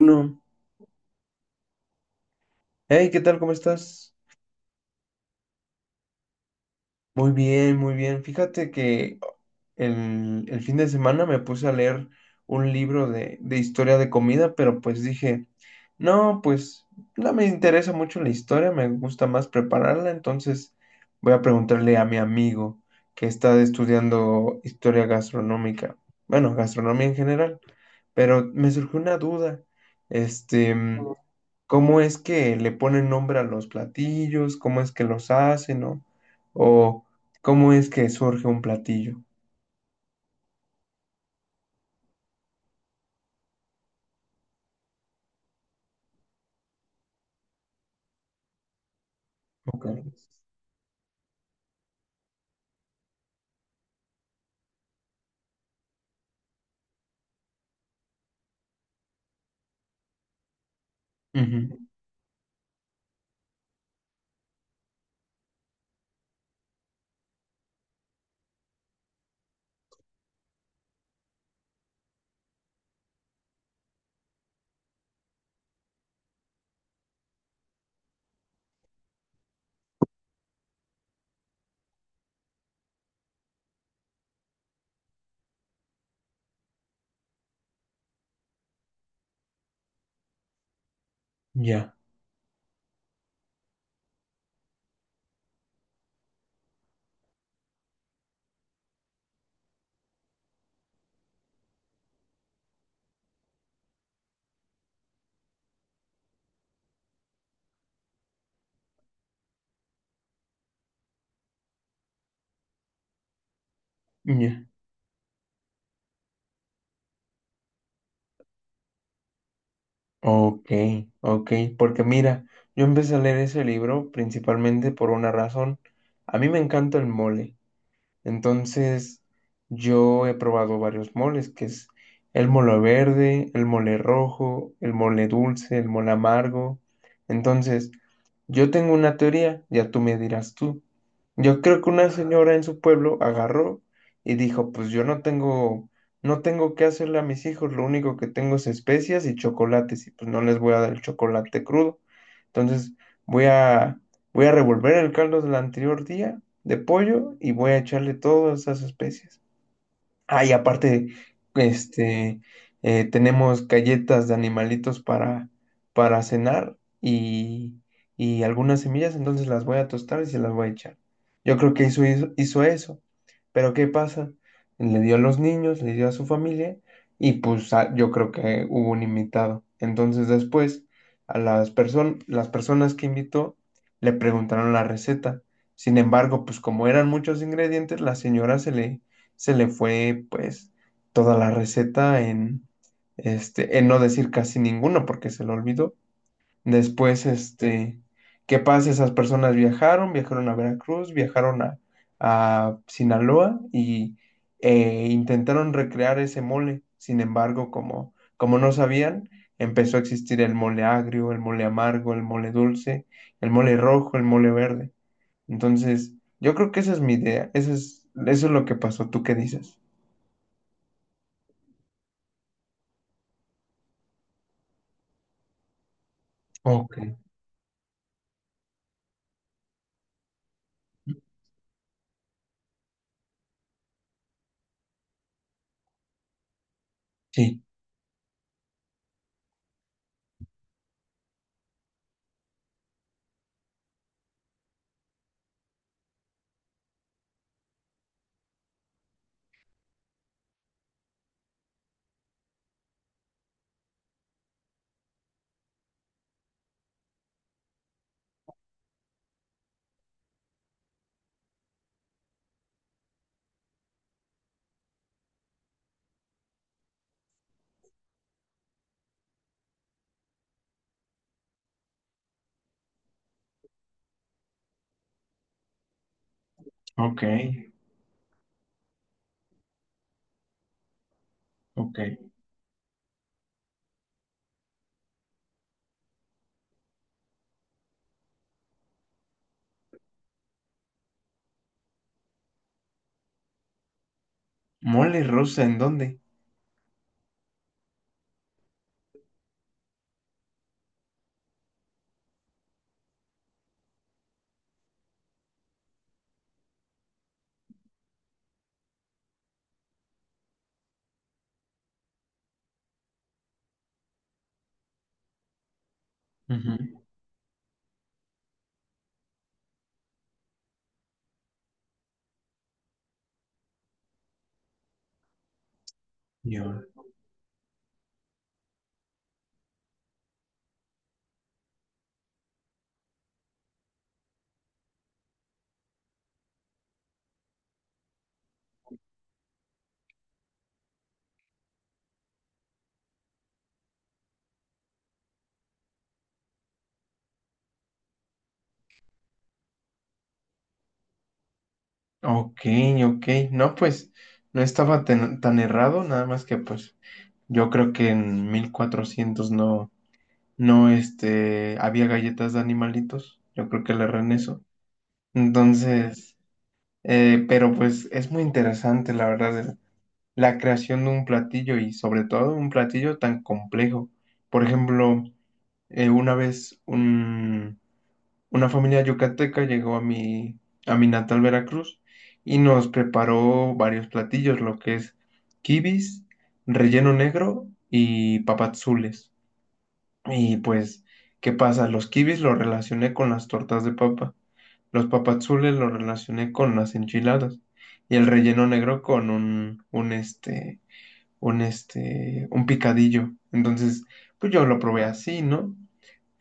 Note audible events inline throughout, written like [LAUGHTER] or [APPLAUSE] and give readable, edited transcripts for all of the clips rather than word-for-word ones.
Uno. Hey, ¿qué tal? ¿Cómo estás? Muy bien, muy bien. Fíjate que el fin de semana me puse a leer un libro de historia de comida, pero pues dije, no, pues no me interesa mucho la historia, me gusta más prepararla, entonces voy a preguntarle a mi amigo que está estudiando historia gastronómica, bueno, gastronomía en general, pero me surgió una duda. Este, ¿Cómo es que le ponen nombre a los platillos, cómo es que los hacen, ¿no? O cómo es que surge un platillo. Ok. Ujú. Ya, ya. Ok, ok. Porque mira, yo empecé a leer ese libro principalmente por una razón. A mí me encanta el mole. Entonces, yo he probado varios moles, que es el mole verde, el mole rojo, el mole dulce, el mole amargo. Entonces, yo tengo una teoría, ya tú me dirás tú. Yo creo que una señora en su pueblo agarró y dijo, pues yo no tengo, no tengo qué hacerle a mis hijos, lo único que tengo es especias y chocolates, y pues no les voy a dar el chocolate crudo. Entonces, voy a, voy a revolver el caldo del anterior día de pollo y voy a echarle todas esas especias. Ah, y aparte, este, tenemos galletas de animalitos para cenar y algunas semillas, entonces las voy a tostar y se las voy a echar. Yo creo que hizo eso. Pero ¿qué pasa? Le dio a los niños, le dio a su familia y pues a- yo creo que hubo un invitado. Entonces después a las personas que invitó le preguntaron la receta. Sin embargo, pues como eran muchos ingredientes, la señora se le fue pues toda la receta en, en no decir casi ninguno porque se lo olvidó. Después, ¿qué pasa? Esas personas viajaron a Veracruz, viajaron a Sinaloa y intentaron recrear ese mole. Sin embargo, como no sabían, empezó a existir el mole agrio, el mole amargo, el mole dulce, el mole rojo, el mole verde. Entonces, yo creo que esa es mi idea. Esa es, eso es lo que pasó. ¿Tú qué dices? Ok. Sí, ok, ok. Mole rosa, ¿en dónde? Ujú. Yo. Ok, ok. No, pues no estaba tan, tan errado, nada más que pues yo creo que en 1400 no, no, había galletas de animalitos. Yo creo que le erré en eso. Entonces, pero pues es muy interesante, la verdad, el- la creación de un platillo y sobre todo un platillo tan complejo. Por ejemplo, una vez una familia yucateca llegó a a mi natal Veracruz y nos preparó varios platillos, lo que es quibis, relleno negro y papazules. Y pues, ¿qué pasa? Los quibis los relacioné con las tortas de papa, los papazules los relacioné con las enchiladas y el relleno negro con un un picadillo. Entonces, pues yo lo probé así, ¿no?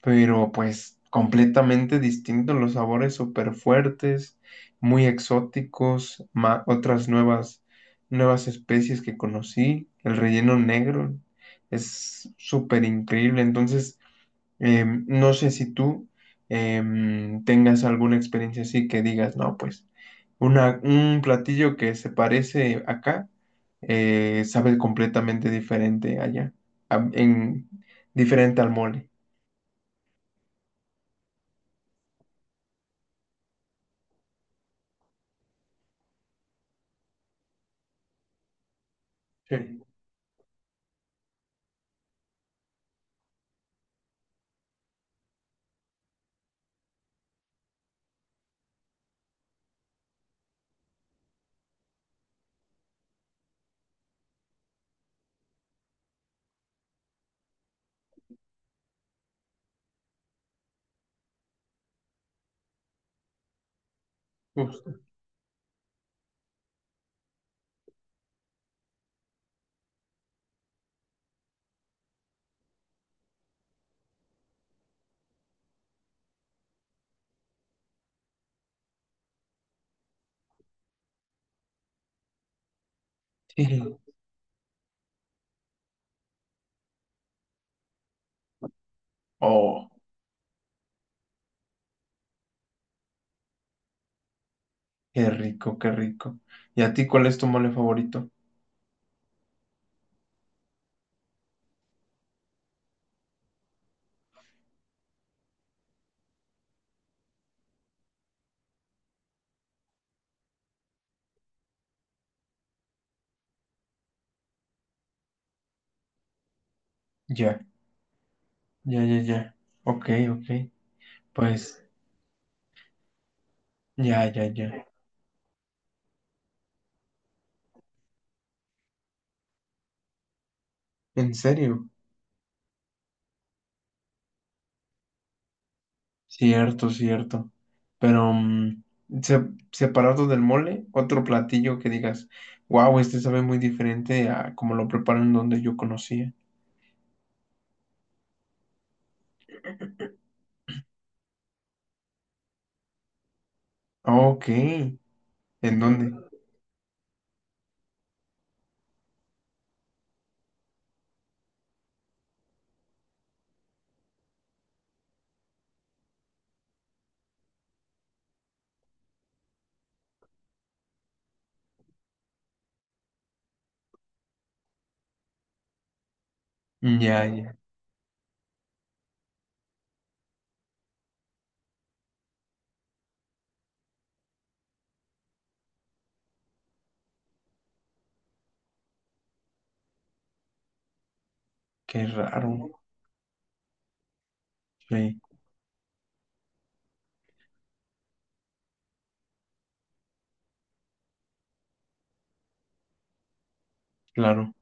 Pero pues completamente distintos los sabores súper fuertes, muy exóticos, ma- otras nuevas, nuevas especies que conocí, el relleno negro es súper increíble, entonces no sé si tú tengas alguna experiencia así que digas, no, pues una, un platillo que se parece acá, sabe completamente diferente allá, a- en, diferente al mole. Sí. Uf, [LAUGHS] oh, qué rico, qué rico. ¿Y a ti cuál es tu mole favorito? Ya, ya, ya, ya. Ok, ok. Pues, ya, ya, ya. ¿En serio? Cierto, cierto. Pero, se- separado del mole, otro platillo que digas, wow, este sabe muy diferente a como lo preparan donde yo conocía. Ok, ¿en dónde? Ya, ya. Qué raro. Sí, claro.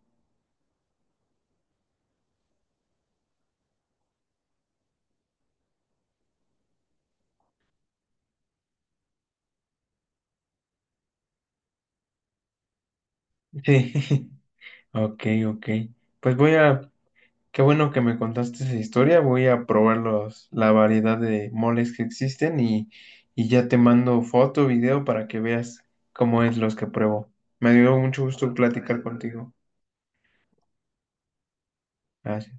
Sí, [LAUGHS] ok, ok. Pues voy a... Qué bueno que me contaste esa historia. Voy a probar los, la variedad de moles que existen y ya te mando foto, video para que veas cómo es los que pruebo. Me dio mucho gusto platicar contigo. Gracias.